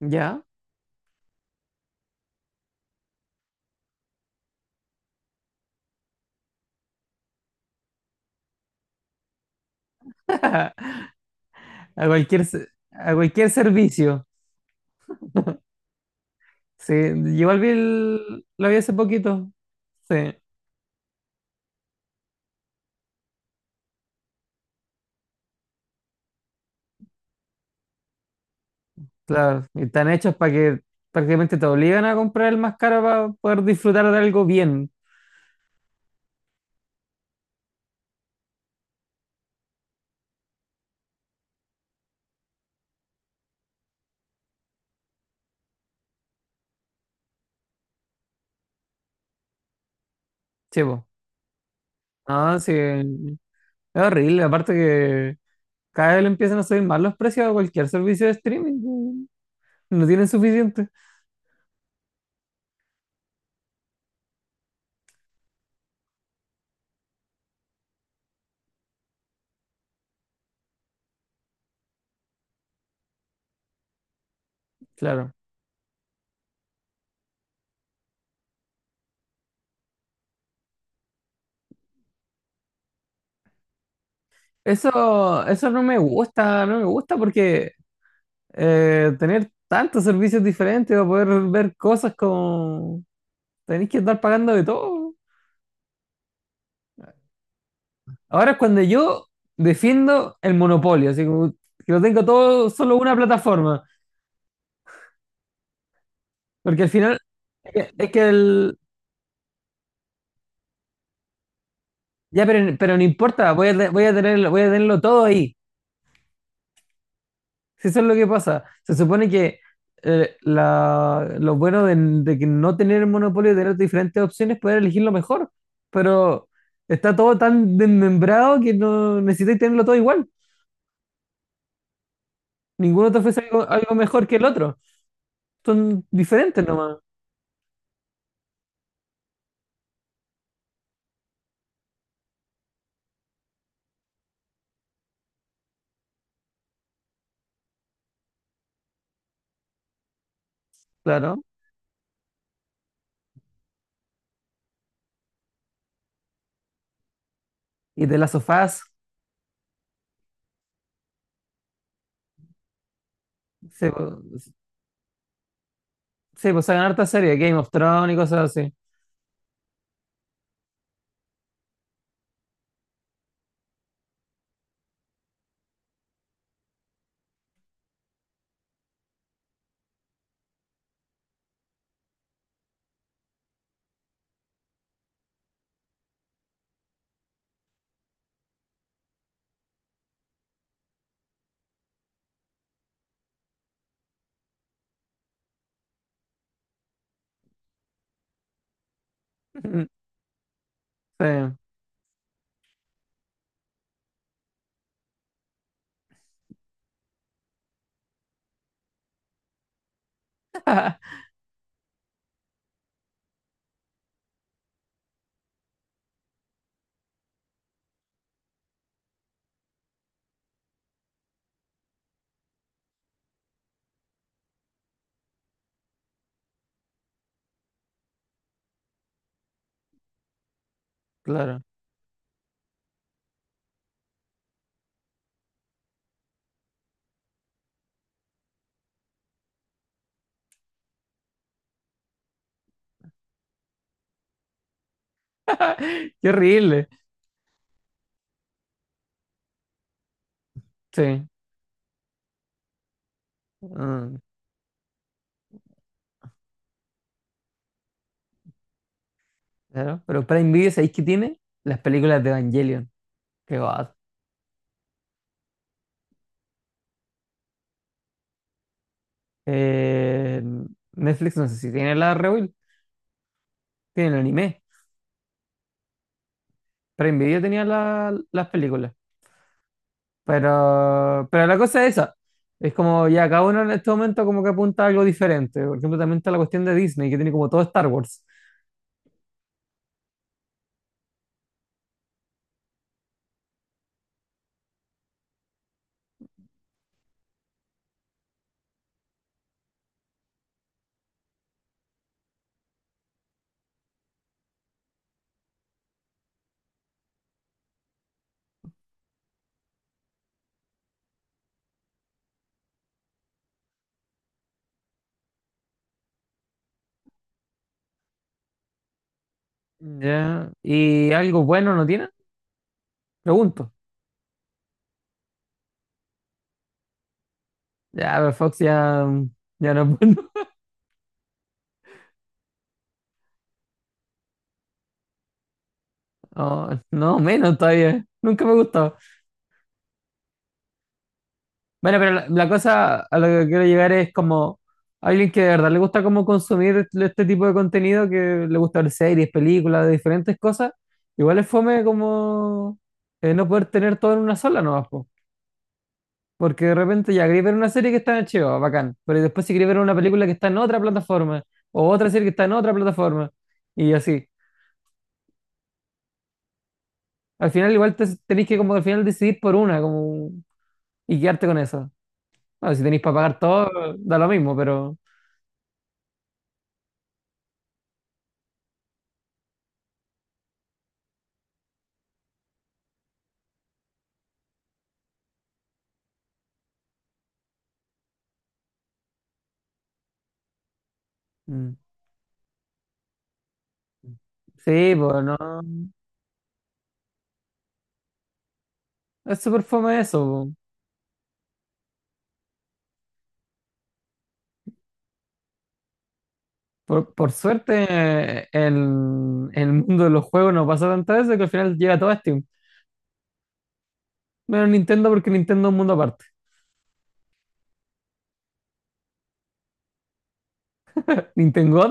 Ya. A cualquier, a cualquier servicio. Sí, igual vi lo vi hace poquito. Sí, claro. Y están hechos para que prácticamente te obligan a comprar el más caro para poder disfrutar de algo bien. Chivo. No, sí. Es horrible. Aparte que cada vez le empiezan a subir más los precios a cualquier servicio de streaming. No tienen suficiente. Claro. Eso no me gusta, no me gusta porque tener tantos servicios diferentes para poder ver cosas como tenéis que estar pagando de todo. Ahora es cuando yo defiendo el monopolio, así como que lo tengo todo solo una plataforma, porque al final es que el, ya, pero, no importa, voy a voy a tenerlo todo ahí. Si eso es lo que pasa. Se supone que lo bueno de que no tener el monopolio y tener diferentes opciones, es poder elegir lo mejor. Pero está todo tan desmembrado que no necesitas tenerlo todo igual. Ninguno te ofrece algo, algo mejor que el otro. Son diferentes nomás, claro. Y de las sofás, se, sí pues sacan harta serie, Game of Thrones y cosas así. Sí, claro. Qué horrible. Sí. Mm, claro. Pero Prime Video, ¿sabéis qué tiene? Las películas de Evangelion. Qué va. Eh, Netflix no sé si tiene la Rewild, tiene el anime. Prime Video tenía las películas. Pero, la cosa es esa. Es como ya cada uno en este momento como que apunta a algo diferente. Por ejemplo, también está la cuestión de Disney, que tiene como todo Star Wars. Ya. ¿Y algo bueno no tiene? Pregunto. Ya, pero Fox ya, ya no es bueno. No, no, menos todavía. Nunca me gustó. Bueno, pero la cosa a la que quiero llegar es como alguien que de verdad le gusta como consumir este este tipo de contenido, que le gusta ver series, películas, de diferentes cosas, igual es fome como no poder tener todo en una sola nomás, po. Porque de repente ya quería ver una serie que está en HBO, bacán, pero después si quería ver una película que está en otra plataforma, o otra serie que está en otra plataforma, y así. Al final igual tenéis que como al final decidir por una, como, y quedarte con eso. Bueno, si tenéis para pagar todo, da lo mismo, pero… mm. Sí, pues no. Es súper fome eso, po. Por suerte, el mundo de los juegos no pasa tantas veces que al final llega todo a Steam. Menos Nintendo, porque Nintendo es un mundo aparte. Nintendo,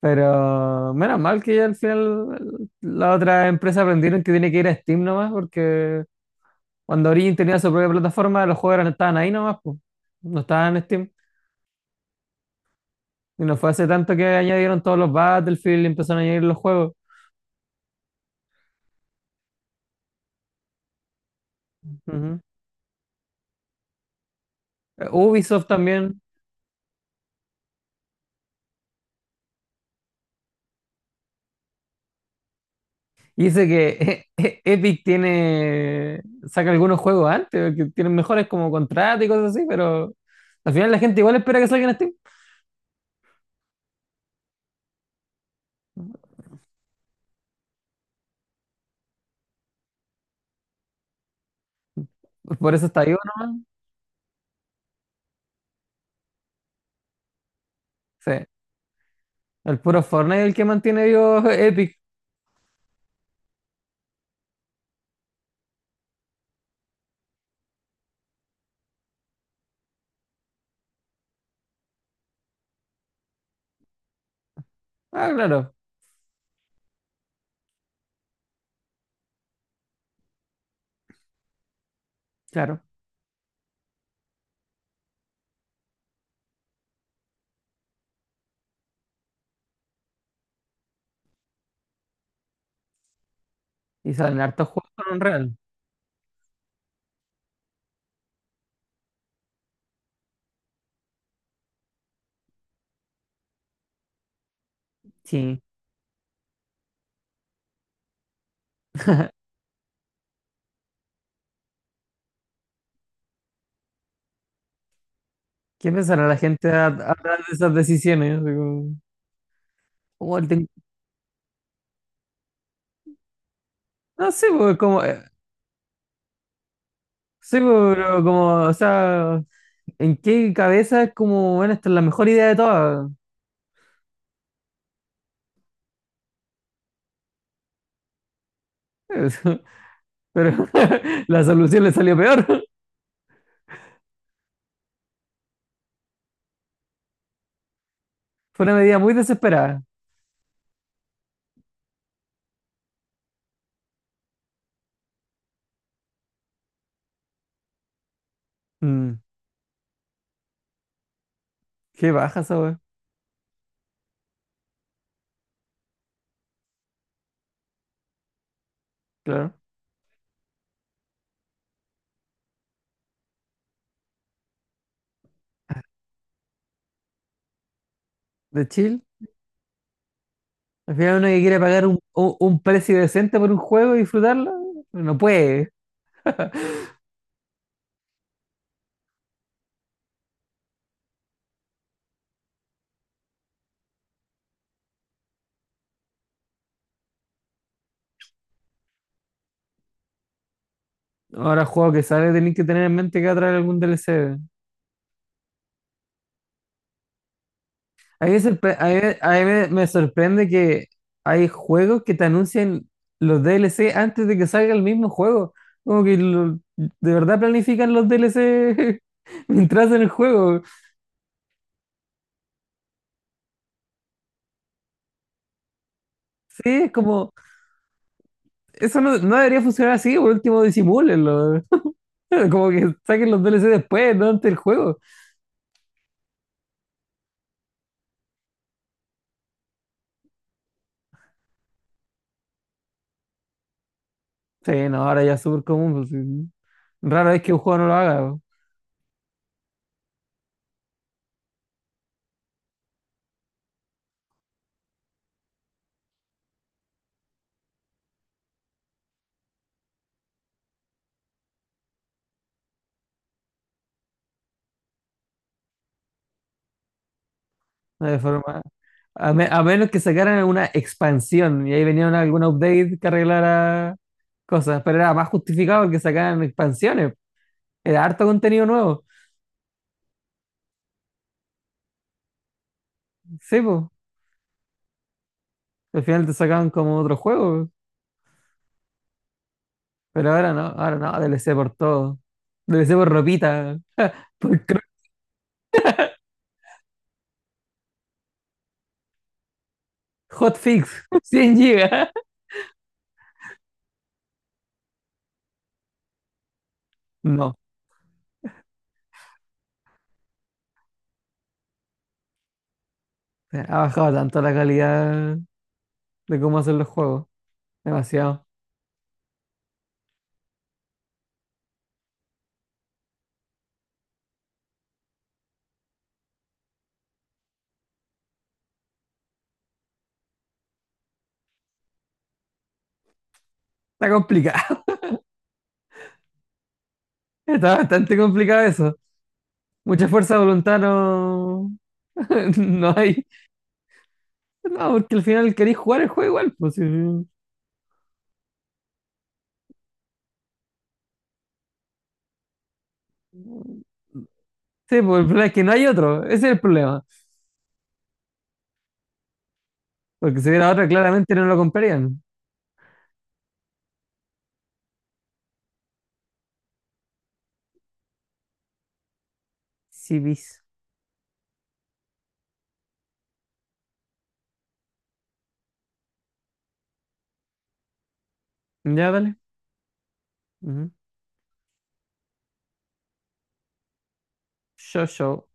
pero menos mal que al final las otras empresas aprendieron que tiene que ir a Steam nomás, porque cuando Origin tenía su propia plataforma, los juegos estaban ahí nomás, pues. No estaban en Steam. Y no fue hace tanto que añadieron todos los Battlefield y empezaron a añadir los juegos. Ujú. Ubisoft también. Y dice que Epic tiene, saca algunos juegos antes, que tienen mejores como contratos y cosas así, pero al final la gente igual espera que salgan en Steam. Por eso está vivo nomás. Sí. El puro Fortnite es el que mantiene vivo Epic. Ah, claro, claro. Y salen hartos juegos con Unreal. Sí. ¿Qué pensará la gente atrás de esas decisiones? Así como, "Oh, el ten- No sé, pues, como, sí, pues, pero como, o sea, ¿en qué cabeza es como, bueno, esta es la mejor idea de todas? Pero la solución le salió peor. Fue una medida muy desesperada. Mm, qué baja esa weá, claro. De chill. Al final uno que quiere pagar un precio decente por un juego y disfrutarlo, no puede. Ahora juego que sale, tenés que tener en mente que va a traer algún DLC. A mí, me sorpre- a mí me- me sorprende que hay juegos que te anuncian los DLC antes de que salga el mismo juego. Como que de verdad planifican los DLC mientras en el juego. Sí, es como… Eso no, no debería funcionar así, por último disimúlenlo. Como que saquen los DLC después, no antes del juego. Sí, no, ahora ya es súper común, pues, sí. Rara vez que un juego no lo haga, po. No hay forma. A menos que sacaran una expansión y ahí venía algún update que arreglara cosas. Pero era más justificado que sacaran expansiones. Era harto contenido nuevo. Sí, pues. Al final te sacaban como otro juego. Pero ahora no, DLC por todo. DLC por ropita, por cro- hotfix, 100 gigas. No, sea, ha bajado tanto la calidad de cómo hacer los juegos. Demasiado. Está complicado. Está bastante complicado eso. Mucha fuerza de voluntad no, no hay. No, porque al final queréis jugar el juego igual. Pues, sí, sí. Sí, pues el problema es que no hay otro. Ese es el problema. Porque si hubiera otro, claramente no lo comprarían. Sí, bis. Ya, dale. Ujú. Yo, yo.